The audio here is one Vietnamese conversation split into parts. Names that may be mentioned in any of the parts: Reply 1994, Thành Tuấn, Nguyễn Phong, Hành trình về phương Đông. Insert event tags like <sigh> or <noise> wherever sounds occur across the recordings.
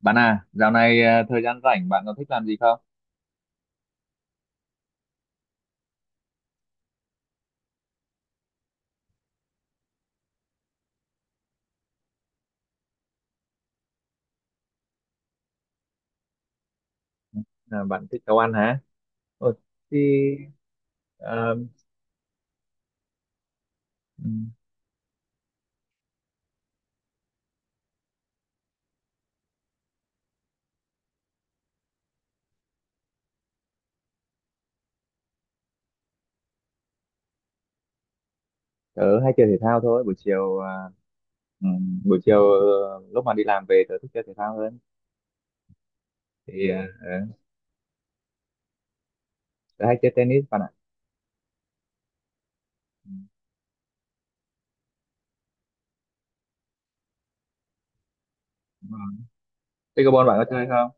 Bạn à, dạo này à, thời gian rảnh bạn có thích làm gì không? À, bạn thích nấu ăn hả? Ừ, thì ờ, ừm, Tớ hay chơi thể thao thôi. Buổi chiều lúc mà đi làm về tớ thích chơi thể thao hơn. Thì à, ờ, Tớ hay chơi tennis bạn ạ. Ừm, Đúng rồi. Pickleball bạn có chơi không?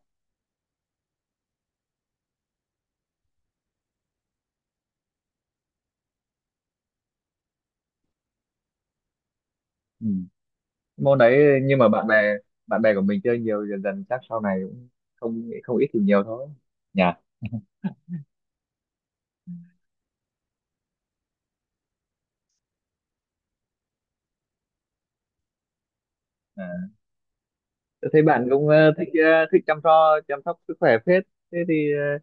Ừm. Môn đấy nhưng mà bạn bè của mình chơi nhiều, dần dần chắc sau này cũng không không ít thì nhiều thôi. Nhỉ? À. Tôi thấy bạn cũng thích thích chăm lo chăm sóc sức khỏe phết. Thế thì ờ,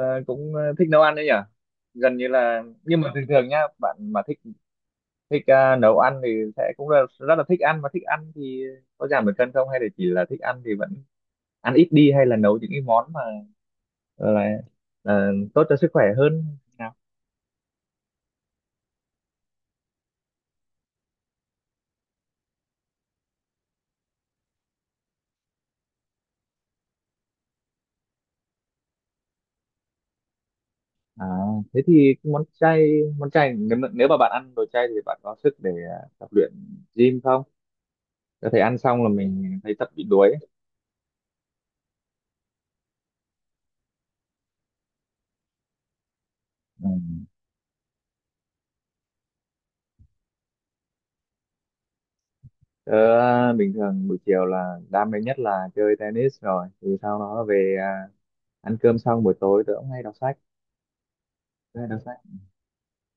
ờ, cũng ờ, thích nấu ăn đấy nhỉ? Gần như là, nhưng mà thường thường nhá, bạn mà thích thích ờ, nấu ăn thì sẽ cũng là rất là thích ăn, mà thích ăn thì có giảm được cân không, hay là chỉ là thích ăn thì vẫn ăn ít đi, hay là nấu những cái món mà ờ, là tốt cho sức khỏe hơn nào? À, thế thì cái món chay, nếu mà bạn ăn đồ chay thì bạn có sức để tập luyện gym không? Có thể ăn xong là mình thấy tập bị đuối. Ừ. Ờ, Bình thường buổi chiều là đam mê nhất là chơi tennis, rồi thì sau đó về ăn cơm xong buổi tối tớ cũng hay đọc sách, tớ hay đọc sách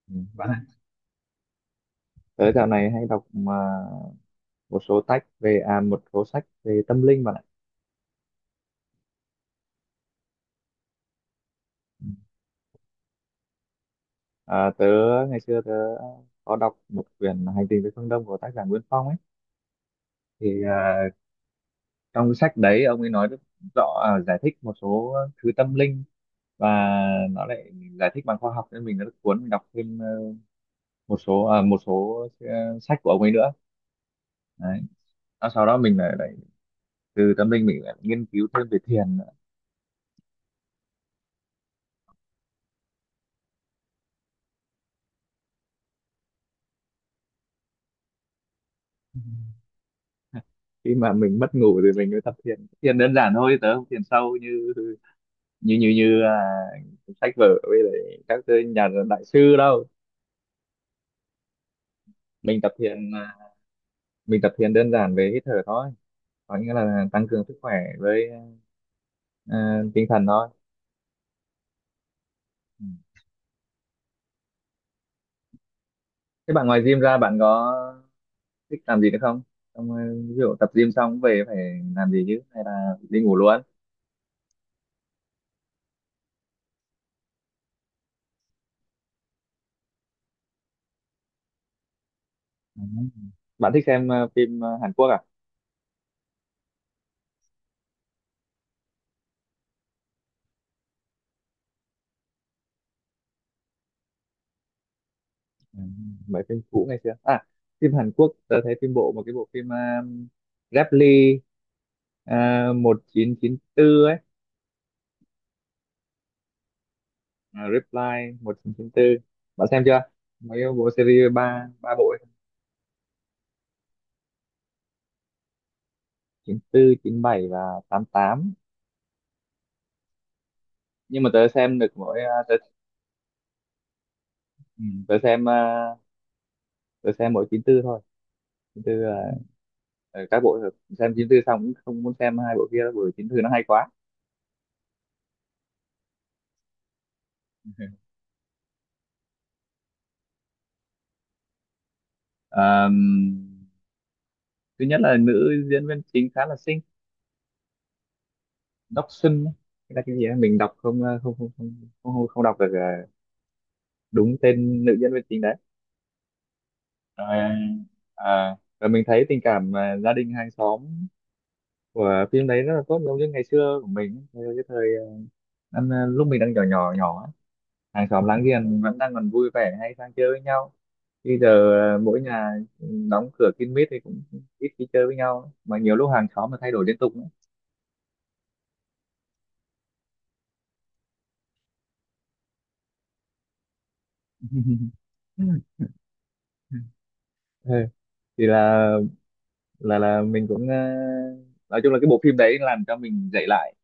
ừ bạn ạ. Tớ dạo này hay đọc mà một số sách về à một số sách về tâm linh bạn ạ. Ừ. à, tớ Ngày xưa tớ có đọc một quyển Hành trình về phương Đông của tác giả Nguyễn Phong ấy, thì à, trong cái sách đấy ông ấy nói rất rõ, giải thích một số thứ tâm linh, và nó lại giải thích bằng khoa học nên mình rất cuốn, mình đọc thêm ờ, một số à, một số ờ, sách của ông ấy nữa đấy. Và sau đó mình lại, lại từ tâm linh mình lại nghiên cứu thêm về thiền nữa. Khi mà mình mất ngủ thì mình mới tập thiền, thiền đơn giản thôi, tớ không thiền sâu như như như như à, sách vở với lại các cái nhà đại sư đâu. mình tập thiền à, mình tập thiền đơn giản về hít thở thôi, có nghĩa là tăng cường sức khỏe với tinh thần thôi. Ừ. Thế bạn ngoài gym ra bạn có thích làm gì nữa không? Xong, ví dụ tập gym xong về phải làm gì chứ, hay là đi ngủ luôn? À. Bạn thích xem phim Hàn Quốc à? À, mấy phim cũ ngày xưa. À, phim Hàn Quốc tớ thấy phim bộ, một cái bộ phim Reply 1994 ấy, à, Reply 1994. Bạn xem chưa? Mấy cái bộ series ba ba bộ ấy, 94, 97 và 88. Nhưng mà tớ xem được mỗi ờ, tớ, ừ, tớ xem ờ, tớ xem mỗi 94 thôi. 94 là ờ, ờ, các bộ xem 94 xong cũng không muốn xem hai bộ kia đâu, bởi 94 nó hay quá. <laughs> Ờ, thứ nhất là nữ diễn viên chính khá là xinh, Đốc Xuân ấy. Thế là cái gì ấy, mình đọc không không đọc được đúng tên nữ diễn viên chính đấy. Rồi rồi mình thấy tình cảm gia đình hàng xóm của phim đấy rất là tốt, giống như ngày xưa của mình thời- cái thời ờ, năm, ờ, lúc mình đang nhỏ nhỏ nhỏ ấy. Hàng xóm láng giềng vẫn đang còn vui vẻ hay sang chơi với nhau, bây giờ mỗi nhà đóng cửa kín mít thì cũng ít khi chơi với nhau, mà nhiều lúc hàng xóm mà thay đổi liên tục nữa. <laughs> Ừ. thì là mình cũng ờ, Nói chung là cái bộ phim đấy làm cho mình dậy lại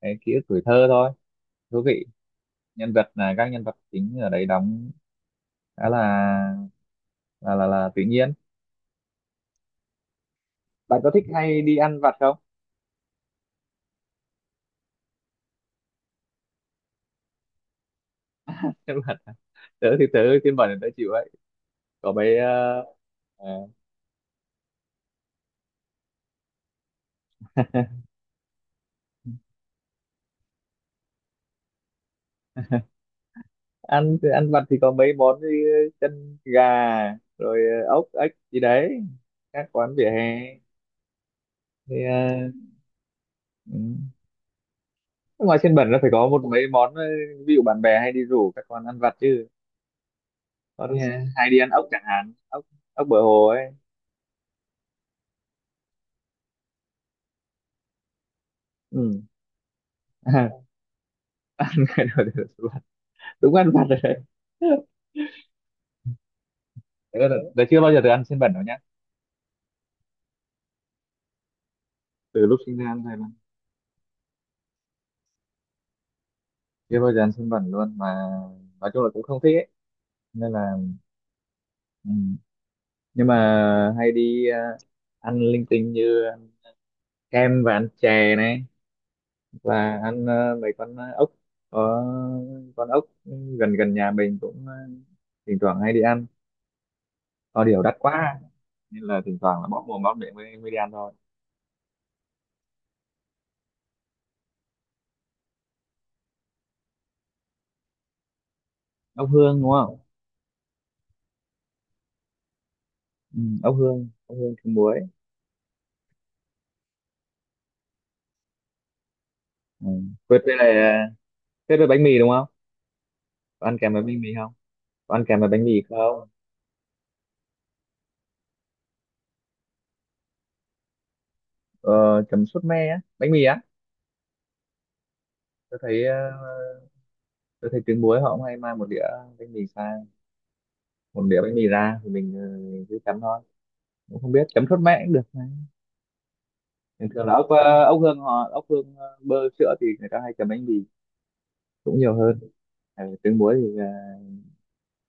cái ký ức tuổi thơ thôi, thú vị. Nhân vật là các nhân vật chính ở đấy đóng khá là là tự nhiên. Bạn có thích hay đi ăn vặt không? <laughs> Chắc là tớ thì tớ, phiên bản tớ chịu ấy, có mấy ờ, <laughs> ăn ăn vặt thì có mấy món như chân gà, rồi ốc ếch gì đấy, các quán vỉa hè thì ừ ngoài trên bẩn nó phải có một mấy món ví dụ. Bạn bè hay đi rủ các con ăn vặt chứ con. Ừ. Hay đi ăn ốc chẳng hạn, ốc, ốc bờ hồ ấy. Ừ. <laughs> Đúng ăn vặt rồi đấy. Thế là chưa bao giờ được ăn xiên bẩn đâu nhá, từ lúc sinh ra ăn thôi mà, chưa bao giờ ăn xiên bẩn luôn mà, nói chung là cũng không thích ấy, nên là ừ. Nhưng mà hay đi ăn linh tinh như ăn kem và ăn chè này, là ăn mấy con ốc, có con ốc gần gần nhà mình cũng thỉnh thoảng hay đi ăn, có điều đắt quá nên là thỉnh thoảng là bóp mồm bóp miệng mới đi ăn thôi. Ốc hương đúng không? Ừ, ốc hương trứng muối. Ừ. Quyết với lại quyết với bánh mì đúng không? Có ăn kèm với bánh mì không? Có ăn kèm với bánh mì không? Ờ, Chấm sốt me á, bánh mì á. Tôi thấy tôi thấy trứng muối họ cũng hay mang một đĩa bánh mì sang, một đĩa bánh mì ra thì mình cứ chấm thôi, cũng không biết, chấm sốt me cũng được. Bình thường là ốc ốc hương họ ốc hương bơ sữa thì người ta hay chấm bánh mì cũng nhiều hơn. Ờ, trứng muối thì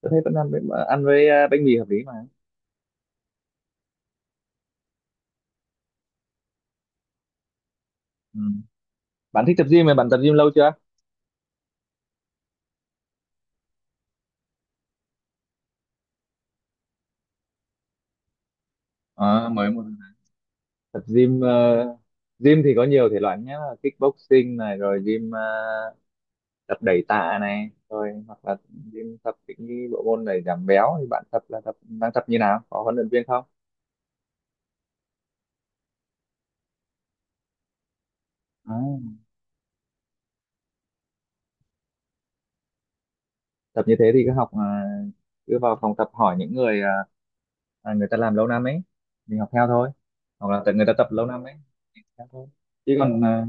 tôi thấy vẫn ăn với- ăn với bánh mì hợp lý mà. Ừ. Bạn thích tập gym mà bạn tập gym lâu chưa? Ờ, mới một, tập gym gym thì có nhiều thể loại nhé, là kickboxing này, rồi gym tập đẩy tạ này, rồi hoặc là gym tập những cái bộ môn để giảm béo, thì bạn tập là tập đang tập như nào, có huấn luyện viên không? à, Tập như thế thì cứ học cứ vào phòng tập hỏi những người người ta làm lâu năm ấy, mình học theo thôi, hoặc là tại người ta tập lâu năm ấy mình học theo thôi, chứ còn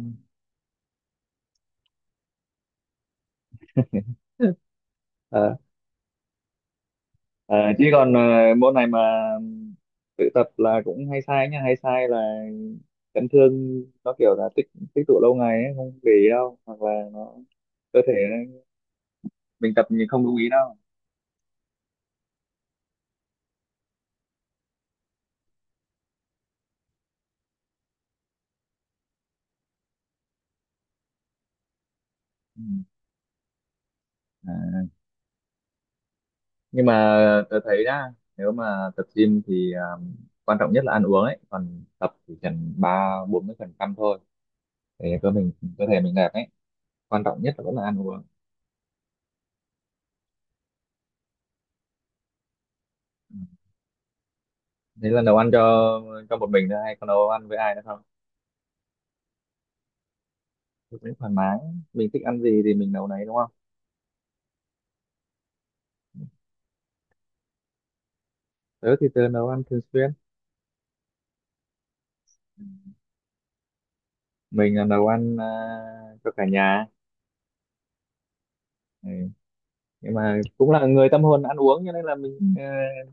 <laughs> ờ, ờ, chứ còn môn này mà tự tập là cũng hay sai nha, hay sai là chấn thương, nó kiểu là tích, tích tụ lâu ngày ấy không để ý đâu, hoặc là nó cơ thể nó- mình tập mình không lưu ý đâu. Ừ. À. Nhưng mà tôi thấy nhá, nếu mà tập gym thì quan trọng nhất là ăn uống ấy, còn tập thì cần ba bốn mươi phần trăm thôi, để cơ mình, cơ thể mình đẹp ấy, quan trọng nhất là vẫn là ăn uống. Ừ. Thế là nấu ăn cho một mình thôi hay có nấu ăn với ai nữa không? Mình thoải mái, mình thích ăn gì thì mình nấu nấy đúng không? Tớ thì tớ nấu ăn thường xuyên. Mình là nấu ăn cho cả nhà. Ừ. Nhưng mà cũng là người tâm hồn ăn uống cho nên là mình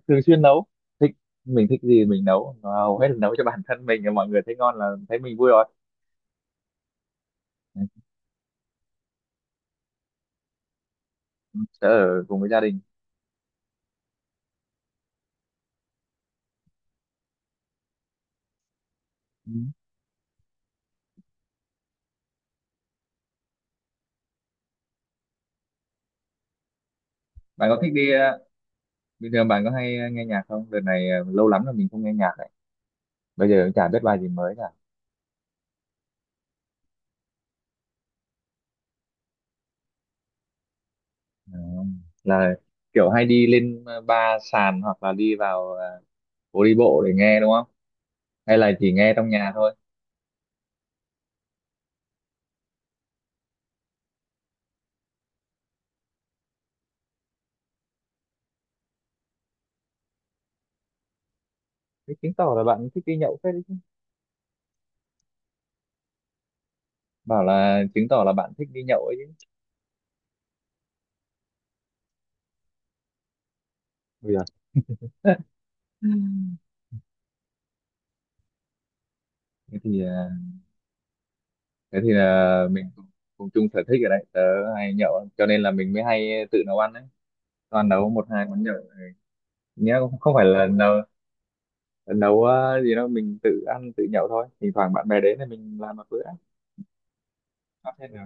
thường xuyên nấu, thích, mình thích gì mình nấu. Mà hầu hết là nấu cho bản thân mình, mọi người thấy ngon là thấy mình vui rồi. Ừ. Tớ ở cùng với gia đình. Ừ. Bạn có thích đi bình thường bạn có hay nghe nhạc không? Đợt này lâu lắm là mình không nghe nhạc, bây giờ cũng chả biết bài gì mới cả. Ờ, là kiểu hay đi lên ba sàn, hoặc là đi vào phố đi bộ để nghe đúng không, hay là chỉ nghe trong nhà thôi? Thế chứng tỏ là bạn thích đi nhậu phết đấy chứ, bảo là chứng tỏ là bạn thích đi nhậu ấy chứ. Bây giờ <laughs> thế thì thế thì là cùng chung sở thích ở đấy, tớ hay nhậu cho nên là mình mới hay tự nấu ăn đấy, toàn nấu một hai món nhậu nhé, không, không phải là nấu nấu ờ, gì đâu, mình tự ăn tự nhậu thôi, thỉnh thoảng bạn bè đến thì mình làm một bữa có thể được.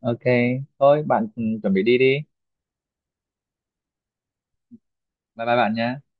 OK, thôi bạn ừ, chuẩn bị đi đi, bye bye bạn nhé.